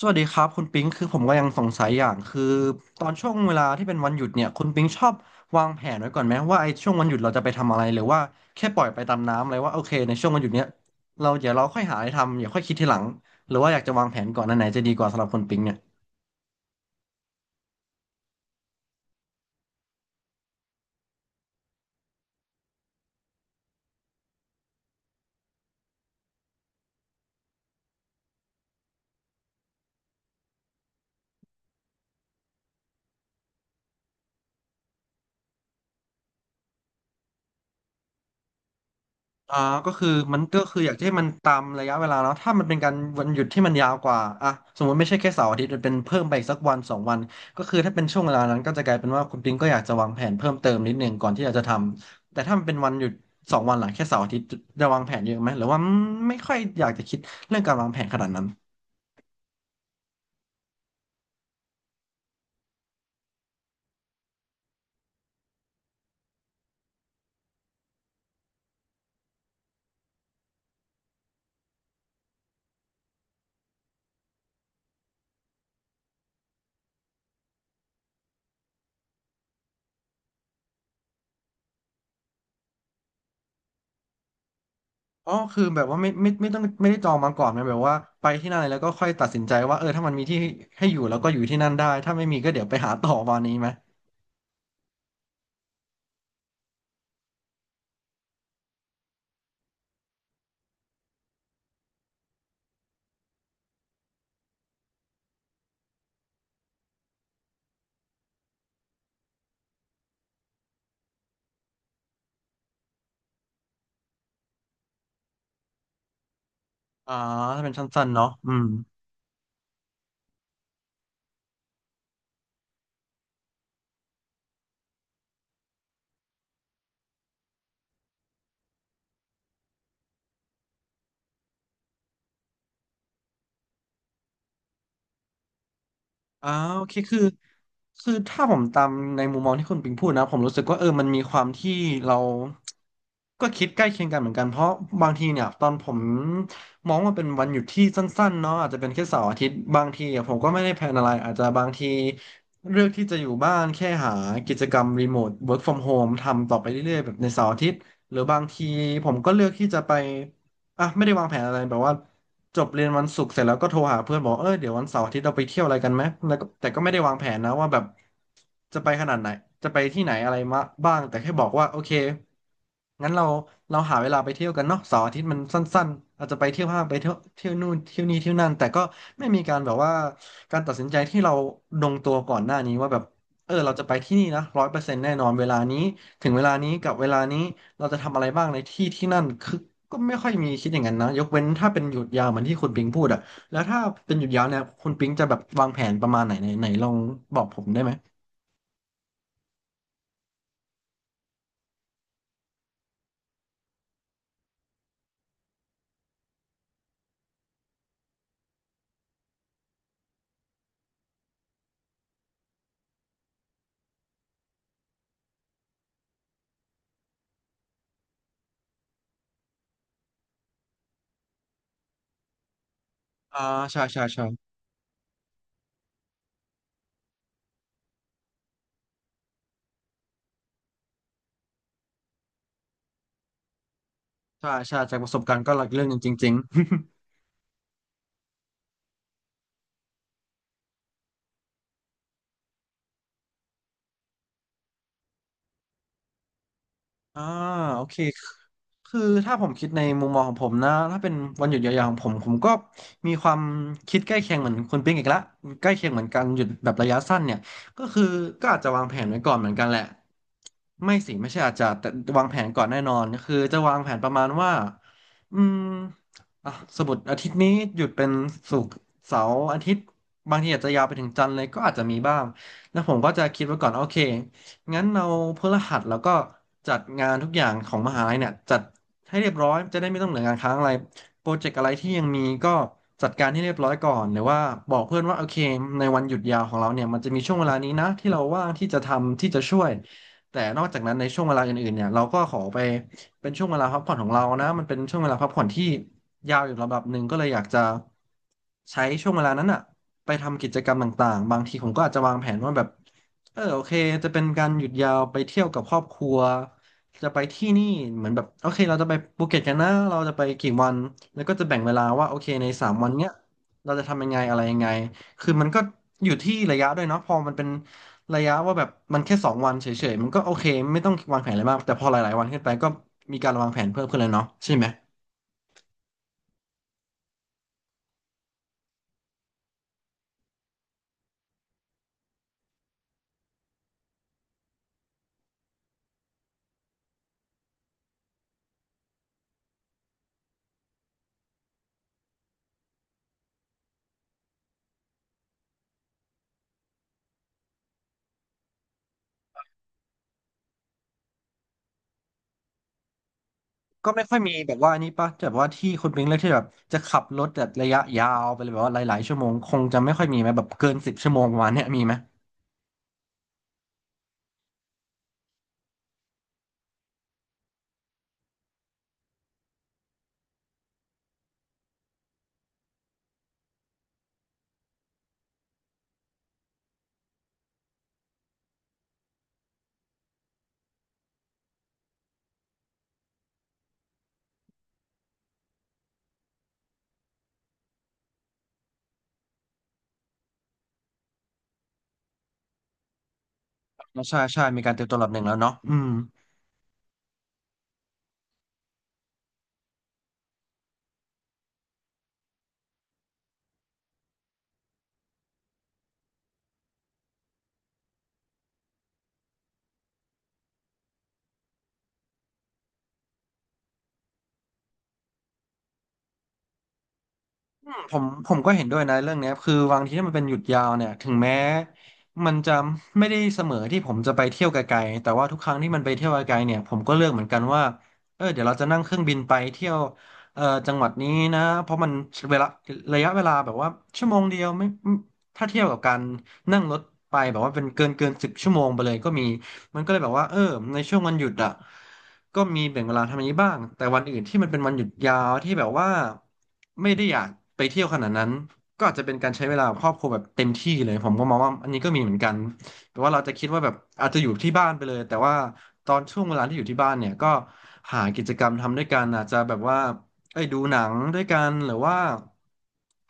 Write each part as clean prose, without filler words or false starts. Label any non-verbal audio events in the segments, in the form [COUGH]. สวัสดีครับคุณปิงคือผมก็ยังสงสัยอย่างคือตอนช่วงเวลาที่เป็นวันหยุดเนี่ยคุณปิงชอบวางแผนไว้ก่อนไหมว่าไอ้ช่วงวันหยุดเราจะไปทำอะไรหรือว่าแค่ปล่อยไปตามน้ำเลยว่าโอเคในช่วงวันหยุดเนี้ยเราเดี๋ยวเราค่อยหาอะไรทำอย่าค่อยคิดทีหลังหรือว่าอยากจะวางแผนก่อนอันไหนจะดีกว่าสำหรับคุณปิงเนี่ย อ่าก็คือมันก็คืออยากจะให้มันตามระยะเวลาเนาะถ้ามันเป็นการวันหยุดที่มันยาวกว่าอ่ะสมมติไม่ใช่แค่เสาร์อาทิตย์มันเป็นเพิ่มไปอีกสักวันสองวันก็คือถ้าเป็นช่วงเวลานั้นก็จะกลายเป็นว่าคุณปิงก็อยากจะวางแผนเพิ่มเติมนิดนึงก่อนที่อยากจะทำแต่ถ้ามันเป็นวันหยุดสองวันหลังแค่เสาร์อาทิตย์จะวางแผนเยอะไหมหรือว่าไม่ค่อยอยากจะคิดเรื่องการวางแผนขนาดนั้นอ๋อคือแบบว่าไม่ต้องไม่ได้จองมาก่อนนะแบบว่าไปที่นั่นเลยแล้วก็ค่อยตัดสินใจว่าเออถ้ามันมีที่ให้อยู่แล้วก็อยู่ที่นั่นได้ถ้าไม่มีก็เดี๋ยวไปหาต่อวันนี้ไหม อ่าถ้าเป็นสั้นๆเนาะอืมอ่าโอเคคือถ้าผมตามในมุมมองที่คุณปิงพูดนะผมรู้สึกว่าเออมันมีความที่เราก็คิดใกล้เคียงกันเหมือนกันเพราะบางทีเนี่ยตอนผมมองว่าเป็นวันหยุดที่สั้นๆเนาะอาจจะเป็นแค่เสาร์อาทิตย์บางทีอะผมก็ไม่ได้แพลนอะไรอาจจะบางทีเลือกที่จะอยู่บ้านแค่หากิจกรรมรีโมท work from home ทำต่อไปเรื่อยๆแบบในเสาร์อาทิตย์หรือบางทีผมก็เลือกที่จะไป อ่ะไม่ได้วางแผนอะไรแบบว่าจบเรียนวันศุกร์เสร็จแล้วก็โทรหาเพื่อนบอกเออเดี๋ยววันเสาร์อาทิตย์เราไปเที่ยวอะไรกันไหมแล้วก็แต่ก็ไม่ได้วางแผนนะว่าแบบจะไปขนาดไหนจะไปที่ไหนอะไรมาบ้างแต่แค่บอกว่าโอเคงั้นเราหาเวลาไปเที่ยวกันเนาะเสาร์อาทิตย์มันสั้นๆอาจจะไปเที่ยวห้างไปเที่ยวนู่นเที่ยวนี่เที่ยวนั่นแต่ก็ไม่มีการแบบว่าการตัดสินใจที่เราลงตัวก่อนหน้านี้ว่าแบบเออเราจะไปที่นี่นะ100 เปอร์เซ็นต์แน่นอนเวลานี้ถึงเวลานี้กับเวลานี้ เราจะทำอะไรบ้างในที่ที่นั่นคือก็ไม่ค่อยมีคิดอย่างนั้นนะยกเว้นถ้าเป็นหยุดยาวเหมือนที่คุณปิงพูดอะแล้วถ้าเป็นหยุดยาวเนี่ยคุณปิงจะแบบวางแผนประมาณไหนไหนไหนลองบอกผมได้ไหมอ่าใช่ใช่ใช่ใช่จากประสบการณ์ก็หลักเรื่องหนึ่งจริงๆ อ่าโอเคคือถ้าผมคิดในมุมมองของผมนะถ้าเป็นวันหยุดยาวๆของผมก็มีความคิดใกล้เคียงเหมือนคุณปิ๊งอีกละใกล้เคียงเหมือนกันหยุดแบบระยะสั้นเนี่ยก็คือก็อาจจะวางแผนไว้ก่อนเหมือนกันแหละไม่สิไม่ใช่อาจจะแต่วางแผนก่อนแน่นอนก็คือจะวางแผนประมาณว่าอืมอ่ะสมมติอาทิตย์นี้หยุดเป็นศุกร์เสาร์อาทิตย์บางทีอาจจะยาวไปถึงจันทร์เลยก็อาจจะมีบ้างแล้วผมก็จะคิดไว้ก่อนโอเค งั้นเราพฤหัสแล้วก็จัดงานทุกอย่างของมหาลัยเนี่ยจัดให้เรียบร้อยจะได้ไม่ต้องเหลืองานค้างอะไรโปรเจกต์อะไรที่ยังมีก็จัดการให้เรียบร้อยก่อนหรือว่าบอกเพื่อนว่าโอเคในวันหยุดยาวของเราเนี่ยมันจะมีช่วงเวลานี้นะที่เราว่างที่จะทำที่จะช่วยแต่นอกจากนั้นในช่วงเวลาอื่นๆเนี่ยเราก็ขอไปเป็นช่วงเวลาพักผ่อนของเรานะมันเป็นช่วงเวลาพักผ่อนที่ยาวอยู่ระดับหนึ่งก็เลยอยากจะใช้ช่วงเวลานั้นอ่ะ ไปทำกิจกรรมต่างๆบางทีผมก็อาจจะวางแผนว่าแบบเออโอเคจะเป็นการหยุดยาวไปเที่ยวกับครอบครัวจะไปที่นี่เหมือนแบบโอเคเราจะไปภูเก็ตกันนะเราจะไปกี่วันแล้วก็จะแบ่งเวลาว่าโอเคในสามวันเนี้ยเราจะทำยังไงอะไรยังไงคือมันก็อยู่ที่ระยะด้วยเนาะพอมันเป็นระยะว่าแบบมันแค่สองวันเฉยๆมันก็โอเคไม่ต้องวางแผนอะไรมากแต่พอหลายๆวันขึ้นไปก็มีการวางแผนเพิ่มขึ้นเลยเนาะใช่ไหม ก็ไม่ค่อยมีแบบว่าอันนี้ปะแบบว่าที่คุณปิงเลือกที่แบบจะขับรถแบบระยะยาวไปเลยแบบว่าหลายๆชั่วโมงคงจะไม่ค่อยมีไหมแบบเกินสิบชั่วโมงประมาณเนี้ยมีไหมอ่าใช่ใช่มีการเตรียมตัวระดับหนึ่งแล้วเนาะอืม ผมก็เห็นด้วยนะเรื่องเนี้ยคือบางทีถ้ามันเป็นหยุดยาวเนี่ยถึงแม้มันจะไม่ได้เสมอที่ผมจะไปเที่ยวไกลๆแต่ว่าทุกครั้งที่มันไปเที่ยวไกลๆเนี่ยผมก็เลือกเหมือนกันว่าเออเดี๋ยวเราจะนั่งเครื่องบินไปเที่ยวจังหวัดนี้นะเพราะมันเวลาระยะเวลาแบบว่าชั่วโมงเดียวไม่ถ้าเทียบกับการนั่งรถไปแบบว่าเป็นเกินสิบชั่วโมงไปเลยก็มี มันก็เลยแบบว่าเออในช่วงวันหยุดอ่ะก็มีแบ่งเวลาทำอย่างนี้บ้างแต่วันอื่นที่มันเป็นวันหยุดยาวที่แบบว่าไม่ได้อยากไปเที่ยวขนาดนั้นก็อาจจะเป็นการใช้เวลากับครอบครัวแบบเต็มที่เลยผมก็มองว่าอันนี้ก็มีเหมือนกันแต่ว่าเราจะคิดว่าแบบอาจจะอยู่ที่บ้านไปเลยแต่ว่าตอนช่วงเวลาที่อยู่ที่บ้านเนี่ยก็หากิจกรรมทำด้วยกันอาจจะแบบว่าเอ้ยดูหนังด้วยกันหรือว่า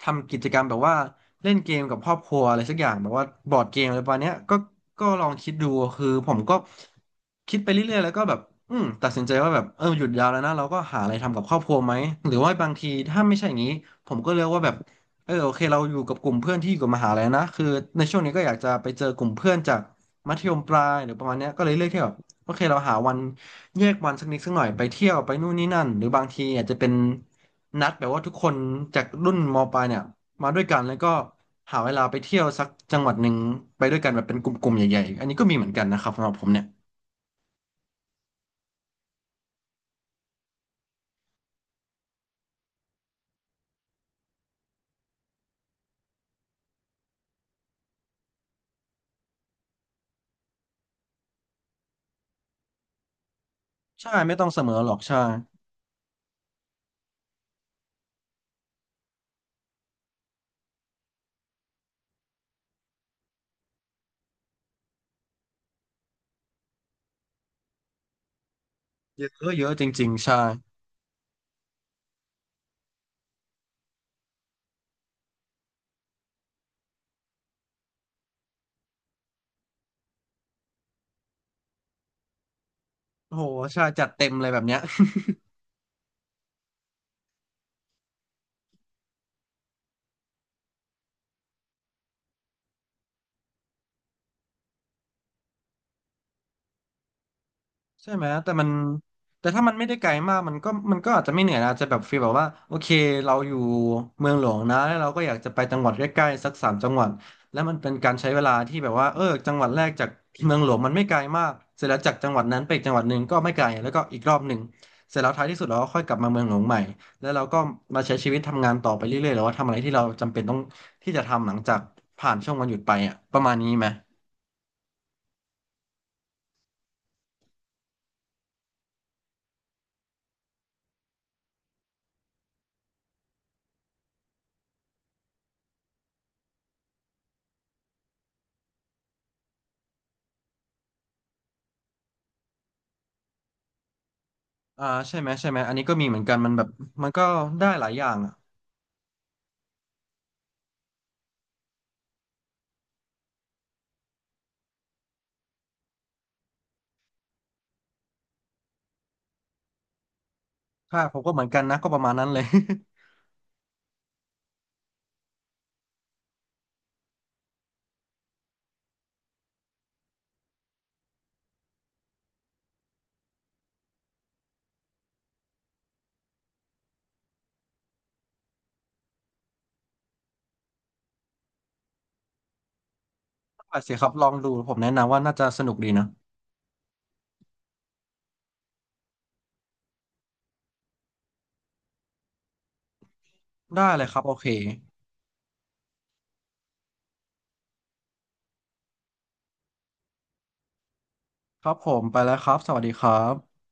ทำกิจกรรมแบบว่า เล่นเกมกับครอบครัวอะไรสักอย่างแบบว่าบอร์ดเกมอะไรประมาณเนี้ยก็ลองคิดดูคือผมก็คิดไปเรื่อยๆแล้วก็แบบอืมตัดสินใจว่าแบบเออหยุดยาวแล้วนะเราก็หาอะไรทำกับครอบครัวไหมหรือว่าบางทีถ้าไม่ใช่อย่างนี้ผมก็เลือกว่าแบบเออโอเคเราอยู่กับกลุ่มเพื่อนที่อยู่กับมหาลัยนะคือในช่วงนี้ก็อยากจะไปเจอกลุ่มเพื่อนจากมัธยมปลายหรือประมาณเนี้ยก็เลยเลือกที่แบบโอเคเราหาวันแยกวันสักนิดสักหน่อยไปเที่ยวไปนู่นนี่นั่นหรือบางทีอาจจะเป็นนัดแบบว่าทุกคนจากรุ่นมปลายเนี่ย มาด้วยกันแล้วก็หาเวลาไปเที่ยวสักจังหวัดหนึ่งไปด้วยกันแบบเป็นกลุ่มๆใหญ่ๆอันนี้ก็มีเหมือนกันนะครับสำหรับผมเนี่ยใช่ไม่ต้องเสมอหรอกใช่เยอะเยอะจริงๆใช่โอ้โหใช่จัดเต็มเลยแบบเนี้ย ใช่ไหมแต่ถ้ามันไม่ได้ไกลมากมันก็อาจจะไม่เหนื่อยนะอาจจะแบบฟีลแบบว่าโอเค เราอยู่เมืองหลวงนะแล้วเราก็อยากจะไปจังหวัดใกล้ๆสักสามจังหวัดแล้วมันเป็นการใช้เวลาที่แบบว่าเออจังหวัดแรกจากเมืองหลวงมันไม่ไกลมากเสร็จแล้วจากจังหวัดนั้นไปอีกจังหวัดหนึ่งก็ไม่ไกลแล้วก็อีกรอบหนึ่งเสร็จแล้วท้ายที่สุดเราก็ค่อยกลับมาเมืองหลวงใหม่แล้วเราก็มาใช้ชีวิตทำงานต่อไปเรื่อยๆหรือว่าทำอะไรที่เราจำเป็นต้องที่จะทำหลังจากผ่านช่วงวันหยุดไปอ่ะประมาณนี้ไหมอ่าใช่ไหมใช่ไหมอันนี้ก็มีเหมือนกันมันแบบมันก็ได้หลายอย่างอะ ค่ะผมก็เหมือนกันนะก็ประมาณนั้นเลย [LAUGHS] ต้อเสียครับลองดูผมแนะนำว่าน่าจะสนุกดีนะได้เลยครับโอเคครับผมไปแล้วครับสวัสดีครับ